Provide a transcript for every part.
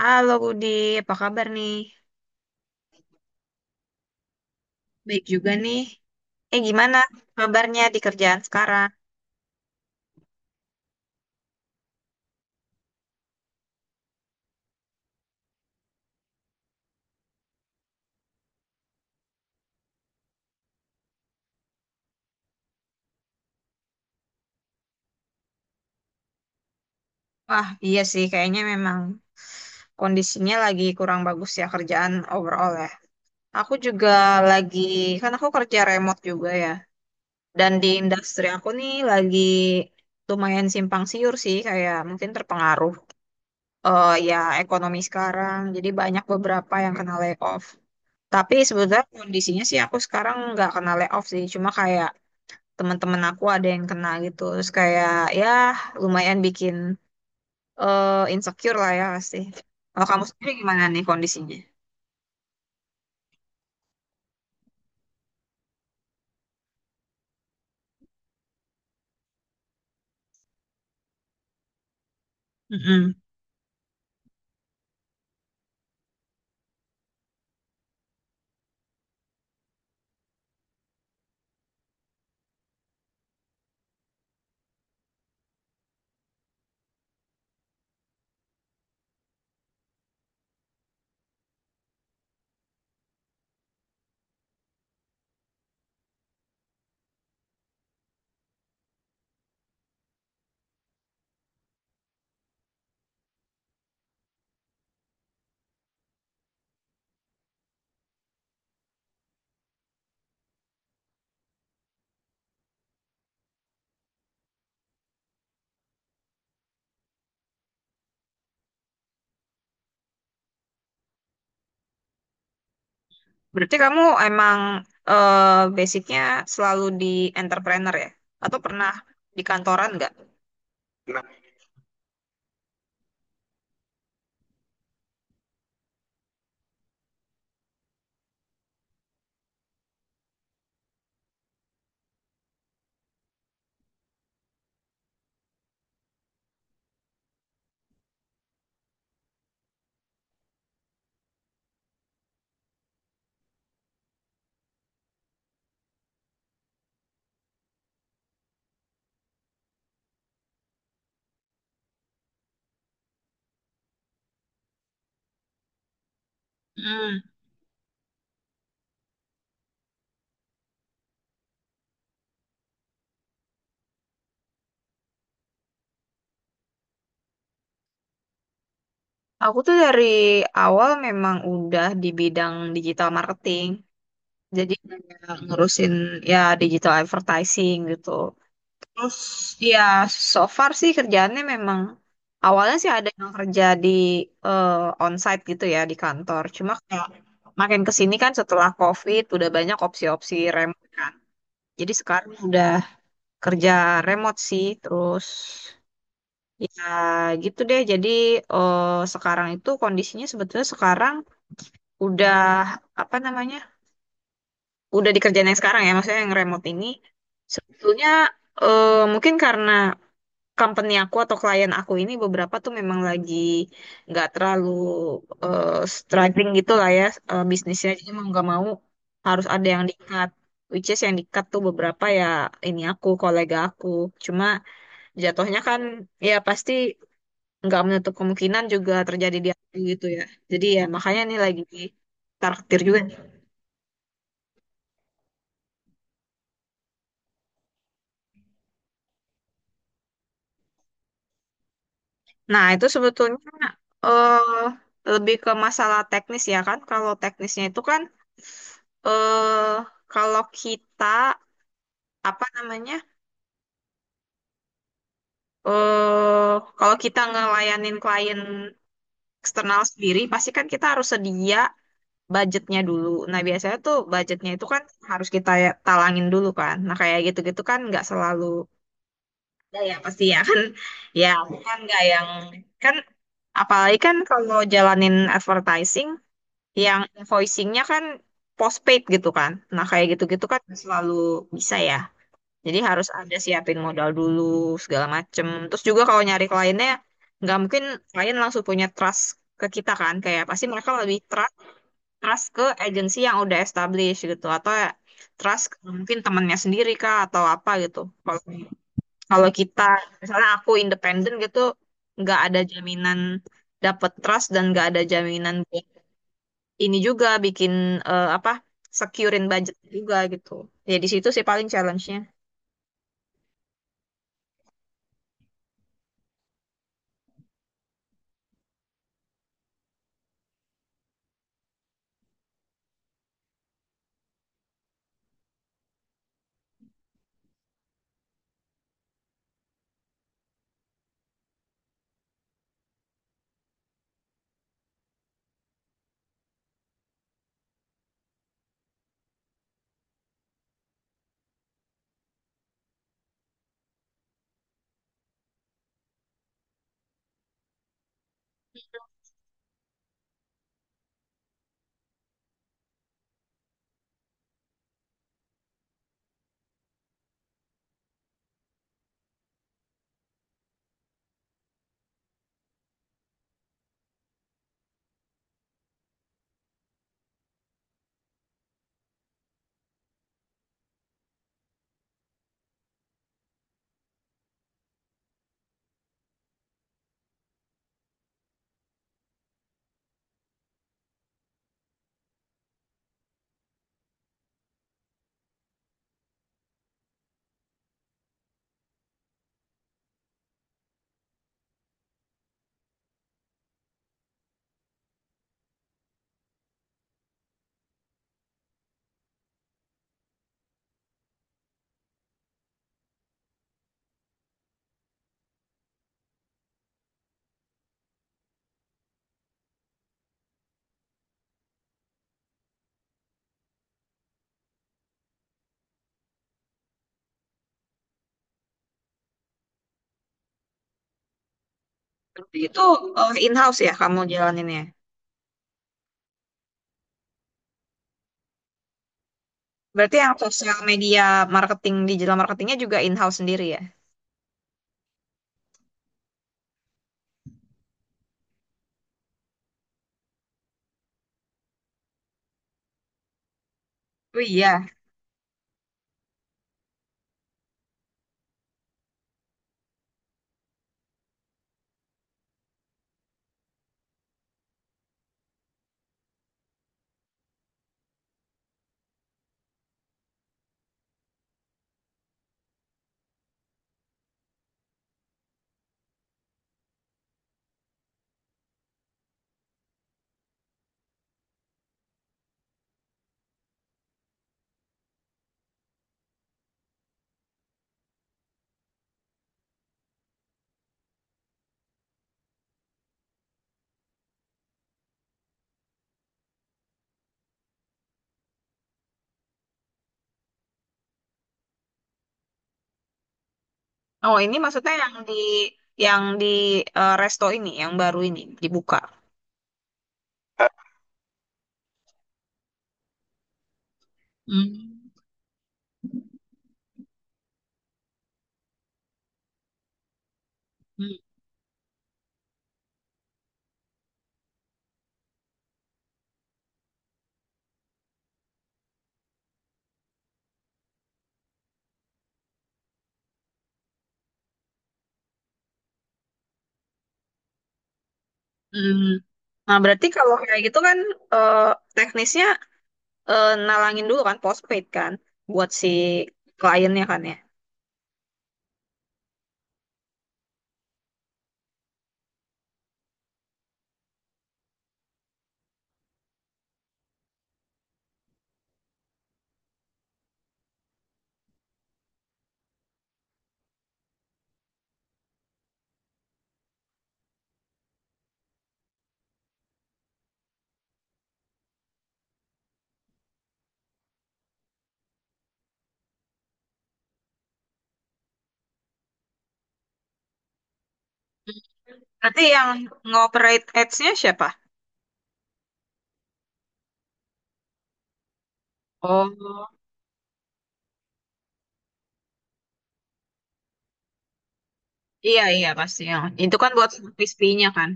Halo Budi, apa kabar nih? Baik juga nih. Gimana kabarnya di kerjaan sekarang? Wah, iya sih kayaknya memang kondisinya lagi kurang bagus ya, kerjaan overall ya. Aku juga lagi, kan aku kerja remote juga ya. Dan di industri aku nih lagi lumayan simpang siur sih, kayak mungkin terpengaruh ya ekonomi sekarang. Jadi banyak beberapa yang kena layoff. Tapi sebetulnya kondisinya sih aku sekarang nggak kena layoff sih, cuma kayak teman-teman aku ada yang kena gitu terus kayak ya lumayan bikin eh, insecure lah ya pasti. Kalau kamu sendiri gimana nih kondisinya? Mm-mm. Berarti kamu emang basicnya selalu di entrepreneur ya, atau pernah di kantoran nggak? Hmm. Aku tuh dari awal memang udah di bidang digital marketing, jadi kayak ngurusin ya digital advertising gitu. Terus ya so far sih kerjaannya memang awalnya sih ada yang kerja di eh, onsite gitu ya di kantor. Cuma kayak makin ke sini kan setelah COVID udah banyak opsi-opsi remote kan. Jadi sekarang udah kerja remote sih, terus ya gitu deh. Jadi eh, sekarang itu kondisinya sebetulnya sekarang udah apa namanya? Udah dikerjain yang sekarang ya, maksudnya yang remote ini sebetulnya mungkin karena company aku atau klien aku ini beberapa tuh memang lagi nggak terlalu eh, struggling gitu lah ya, bisnisnya. Jadi mau nggak mau harus ada yang di-cut. Which is yang di-cut tuh beberapa ya, ini aku, kolega aku. Cuma jatuhnya kan ya pasti nggak menutup kemungkinan juga terjadi di aku gitu ya. Jadi ya makanya ini lagi di juga. Nah, itu sebetulnya eh lebih ke masalah teknis ya kan. Kalau teknisnya itu kan eh kalau kita apa namanya? eh Kalau kita ngelayanin klien eksternal sendiri, pasti kan kita harus sedia budgetnya dulu. Nah, biasanya tuh budgetnya itu kan harus kita ya- talangin dulu kan. Nah, kayak gitu-gitu kan nggak selalu ada ya pasti ya kan. Ya, aku kan nggak yang kan apalagi kan kalau jalanin advertising yang invoicingnya kan postpaid gitu kan. Nah, kayak gitu-gitu kan nggak selalu bisa ya. Jadi harus ada siapin modal dulu, segala macem. Terus juga kalau nyari kliennya, nggak mungkin klien langsung punya trust ke kita kan. Kayak pasti mereka lebih trust, trust ke agensi yang udah established gitu. Atau ya trust ke mungkin temennya sendiri kah atau apa gitu. Kalau kalau kita, misalnya aku independen gitu, nggak ada jaminan dapat trust, dan nggak ada jaminan ini juga bikin eh, apa securein budget juga gitu. Ya di situ sih paling challenge-nya. Berarti itu in-house ya kamu jalaninnya. Berarti yang sosial media marketing, digital marketingnya juga in-house sendiri ya? Oh iya. Oh ini maksudnya yang di resto ini yang baru ini dibuka. Hmm. Hmm. Hmm. Nah berarti kalau kayak gitu kan eh, teknisnya nalangin dulu kan, postpaid kan buat si kliennya kan ya. Berarti yang ngoperate ads-nya siapa? Oh, iya iya pasti, yang itu kan buat service fee-nya kan.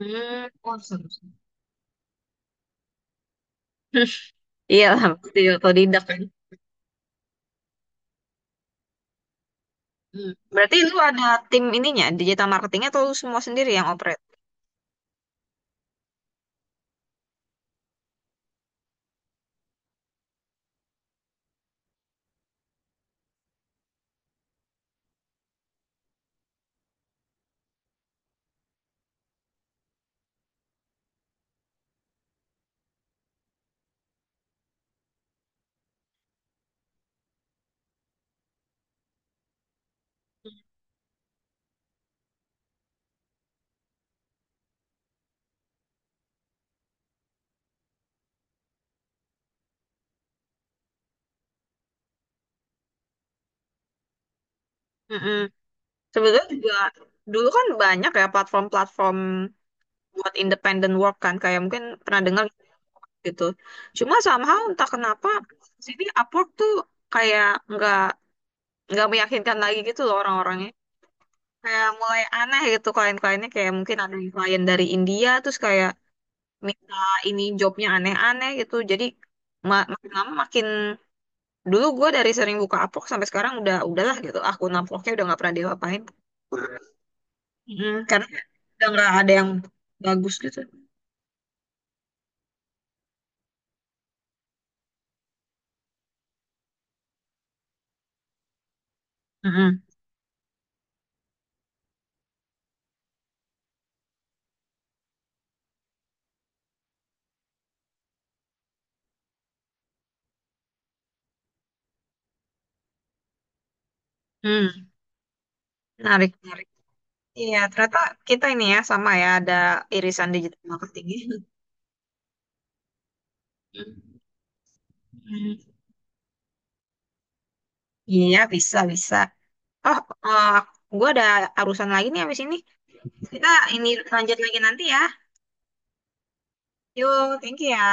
Hmm, oh, seru, seru. Iya lah, pasti otodidak kan. Hmm. Berarti lu ada tim ininya, digital marketingnya, atau lu semua sendiri yang operate? Mm-mm. Sebetulnya juga dulu kan banyak ya platform-platform buat independent work kan, kayak mungkin pernah dengar gitu. Cuma somehow entah kenapa sini Upwork tuh kayak nggak meyakinkan lagi gitu loh orang-orangnya. Kayak mulai aneh gitu klien-kliennya, kayak mungkin ada yang klien dari India terus kayak minta ini jobnya aneh-aneh gitu. Jadi makin lama makin dulu gue dari sering buka Upwork sampai sekarang udah udahlah gitu, akun Upworknya udah nggak pernah diapa-apain. Mm, karena udah nggak ada yang bagus gitu. Mm-mm. Hmm, menarik menarik, iya ternyata kita ini ya sama ya, ada irisan digital marketing. Hmm. Iya, bisa, bisa. Oh, eh, gue ada urusan lagi nih habis ini. Kita ini lanjut lagi nanti ya. Yuk, thank you ya.